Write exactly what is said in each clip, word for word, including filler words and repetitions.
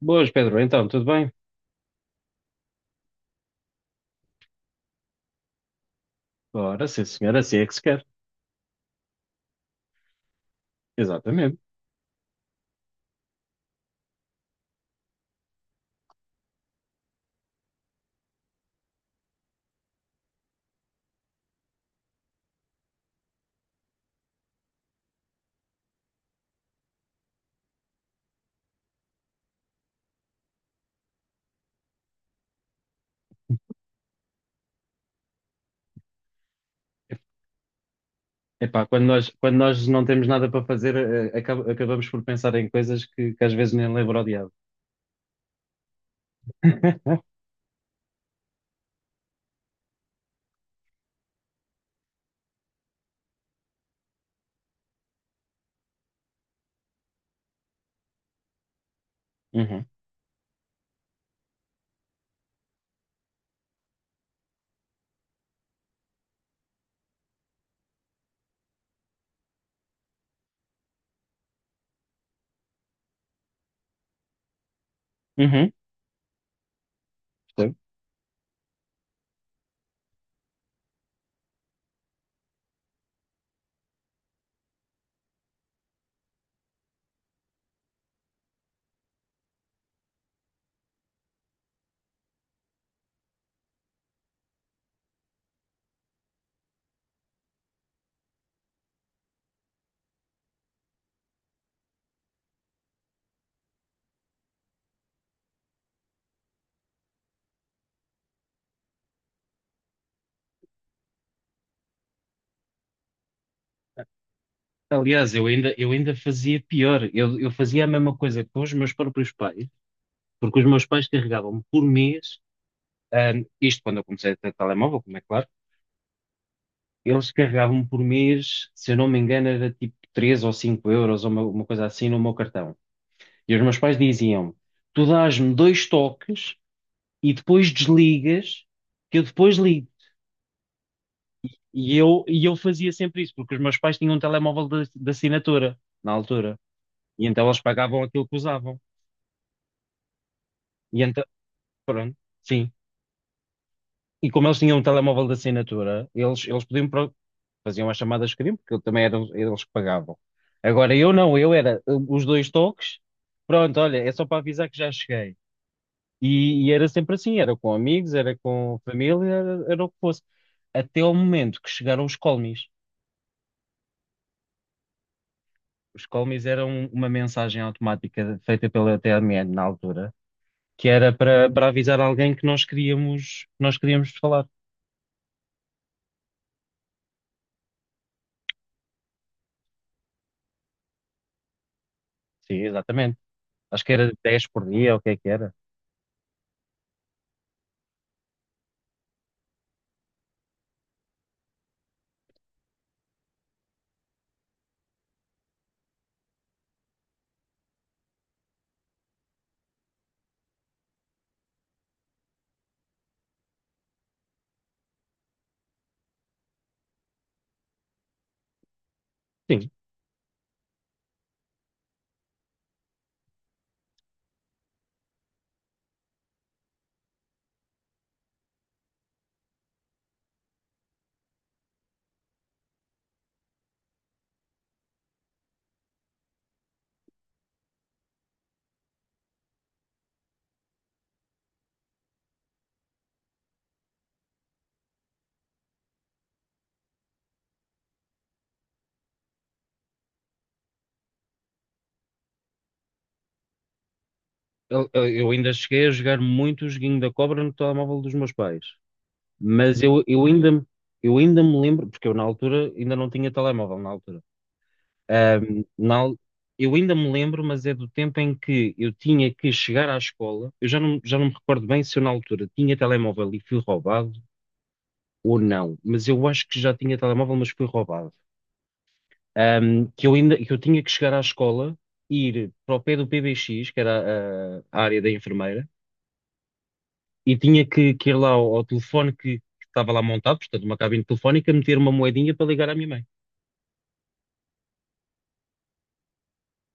Boas, Pedro. Então, tudo bem? Ora, sim, senhora, assim é que se quer. Exatamente. Epá, quando nós, quando nós não temos nada para fazer, eh, acab- acabamos por pensar em coisas que, que às vezes nem lembro ao diabo. Uhum. Uhum. Percebo. Aliás, eu ainda, eu ainda fazia pior. Eu, eu fazia a mesma coisa com os meus próprios pais, porque os meus pais carregavam-me por mês, ahm, isto quando eu comecei a ter telemóvel, como é claro. Eles carregavam-me por mês, se eu não me engano, era tipo três ou cinco euros, ou uma, uma coisa assim, no meu cartão. E os meus pais diziam: tu dás-me dois toques e depois desligas, que eu depois ligo. E eu, e eu fazia sempre isso, porque os meus pais tinham um telemóvel de, de assinatura, na altura. E então eles pagavam aquilo que usavam. E então, pronto, sim. E como eles tinham um telemóvel de assinatura, eles, eles podiam, pro- faziam as chamadas que queriam, porque também eram eles que pagavam. Agora eu não, eu era uh, os dois toques, pronto, olha, é só para avisar que já cheguei. E, e era sempre assim, era com amigos, era com família, era, era o que fosse. Até ao momento que chegaram os colmies. Os colmies eram uma mensagem automática feita pela T M N na altura, que era para, para avisar alguém que nós queríamos, nós queríamos falar. Sim, exatamente. Acho que era dez por dia, ou o que é que era. Sim, eu, eu- eu ainda cheguei a jogar muito o joguinho da cobra no telemóvel dos meus pais. Mas eu, eu ainda, me- eu ainda me lembro, porque eu na altura ainda não tinha telemóvel na altura. Ahm, na Eu ainda me lembro, mas é do tempo em que eu tinha que chegar à escola. Eu já não, já não me recordo bem se eu na altura tinha telemóvel e fui roubado ou não, mas eu acho que já tinha telemóvel, mas fui roubado. Ahm, que eu ainda, que eu tinha que chegar à escola, ir para o pé do P B X, que era a, a área da enfermeira, e tinha que, que ir lá ao, ao telefone que, que estava lá montado, portanto, uma cabine telefónica, meter uma moedinha para ligar à minha mãe,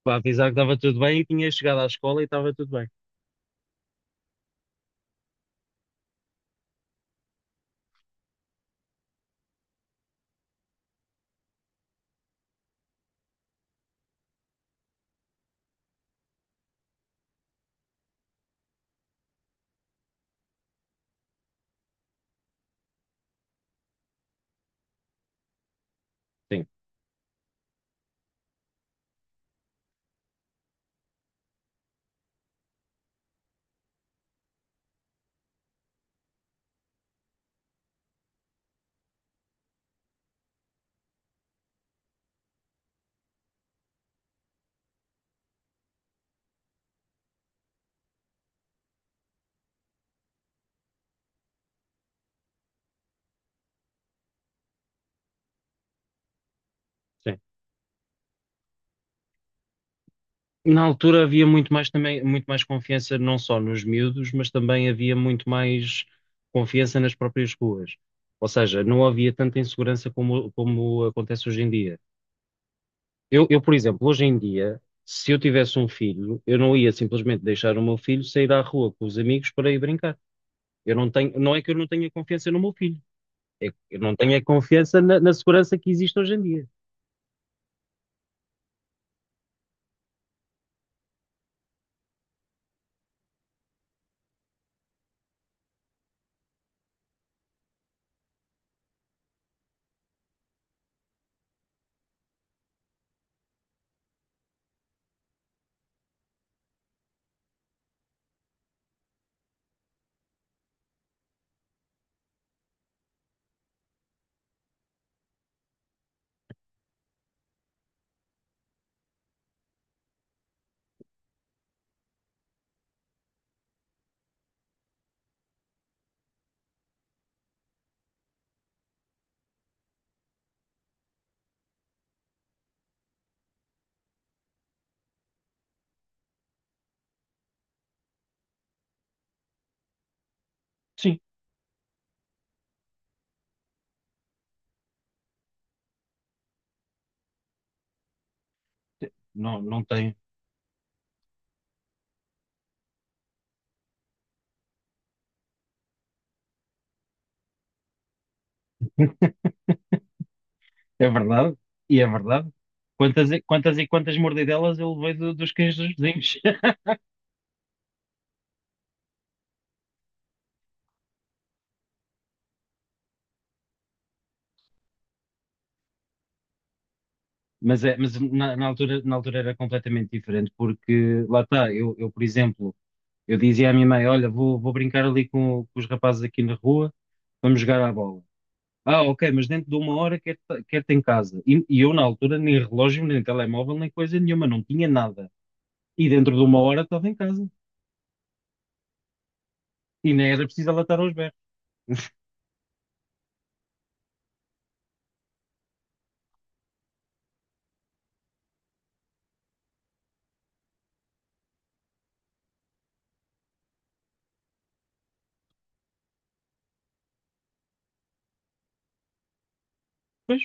para avisar que estava tudo bem e tinha chegado à escola e estava tudo bem. Sim, sim. Na altura havia muito mais também, muito mais confiança não só nos miúdos, mas também havia muito mais confiança nas próprias ruas. Ou seja, não havia tanta insegurança como, como acontece hoje em dia. Eu, eu, por exemplo, hoje em dia, se eu tivesse um filho, eu não ia simplesmente deixar o meu filho sair à rua com os amigos para ir brincar. Eu não tenho, não é que eu não tenha confiança no meu filho, é que eu não tenho a confiança na, na segurança que existe hoje em dia. Sim, te- não, não tenho. É verdade, e é verdade. Quantas, e- quantas e quantas mordidelas eu levei do- dos cães dos vizinhos. Mas, é, mas na, na altura, na altura era completamente diferente, porque lá está. Eu, eu, por exemplo, eu, dizia à minha mãe: olha, vou, vou brincar ali com, com os rapazes aqui na rua, vamos jogar à bola. Ah, ok, mas dentro de uma hora quero ta- quero-te em casa. E, e eu na altura nem relógio, nem telemóvel, nem coisa nenhuma, não tinha nada. E dentro de uma hora estava em casa. E nem era preciso ela estar aos berros. Pois,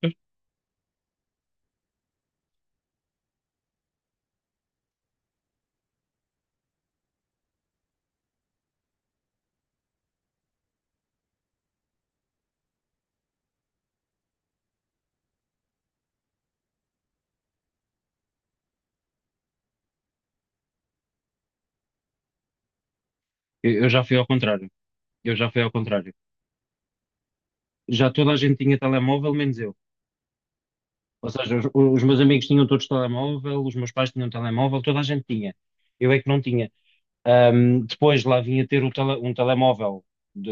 pois. eu eu já fui ao contrário. Eu já fui ao contrário. Já toda a gente tinha telemóvel, menos eu. Ou seja, os, os meus amigos tinham todos telemóvel, os meus pais tinham telemóvel, toda a gente tinha. Eu é que não tinha. Ahm, depois lá vinha ter o tele- um telemóvel de,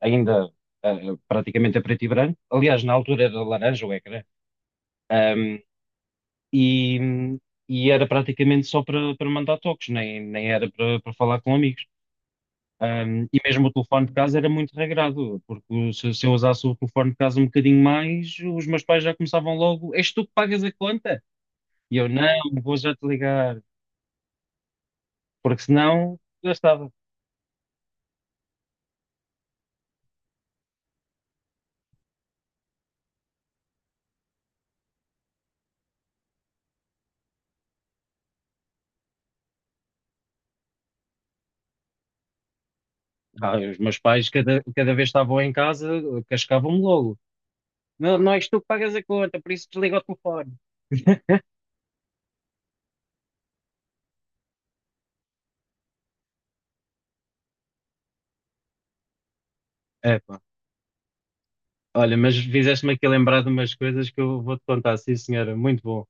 ainda, ah, praticamente a preto e branco. Aliás, na altura era laranja o ecrã. Ahm, e e era praticamente só para para mandar toques, nem, nem era para para falar com amigos. Um, e mesmo o telefone de casa era muito regrado, porque se, se eu usasse o telefone de casa um bocadinho mais, os meus pais já começavam logo: És tu que pagas a conta? E eu: Não, vou já te ligar, porque senão gastava. Ah, os meus pais, cada, cada vez que estavam em casa, cascavam-me logo: Não, não és tu que pagas a conta, por isso desliga o telefone. Epá, olha, mas fizeste-me aqui lembrar de umas coisas que eu vou-te contar, sim senhora, muito bom,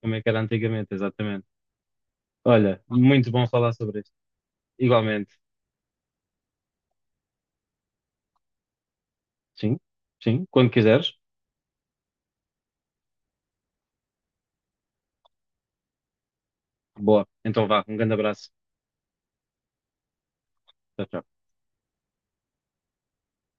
como é que era antigamente, exatamente. Olha, muito bom falar sobre isto, igualmente. Sim, sim, quando quiseres. Boa. Então vá, um grande abraço. Tchau, tchau.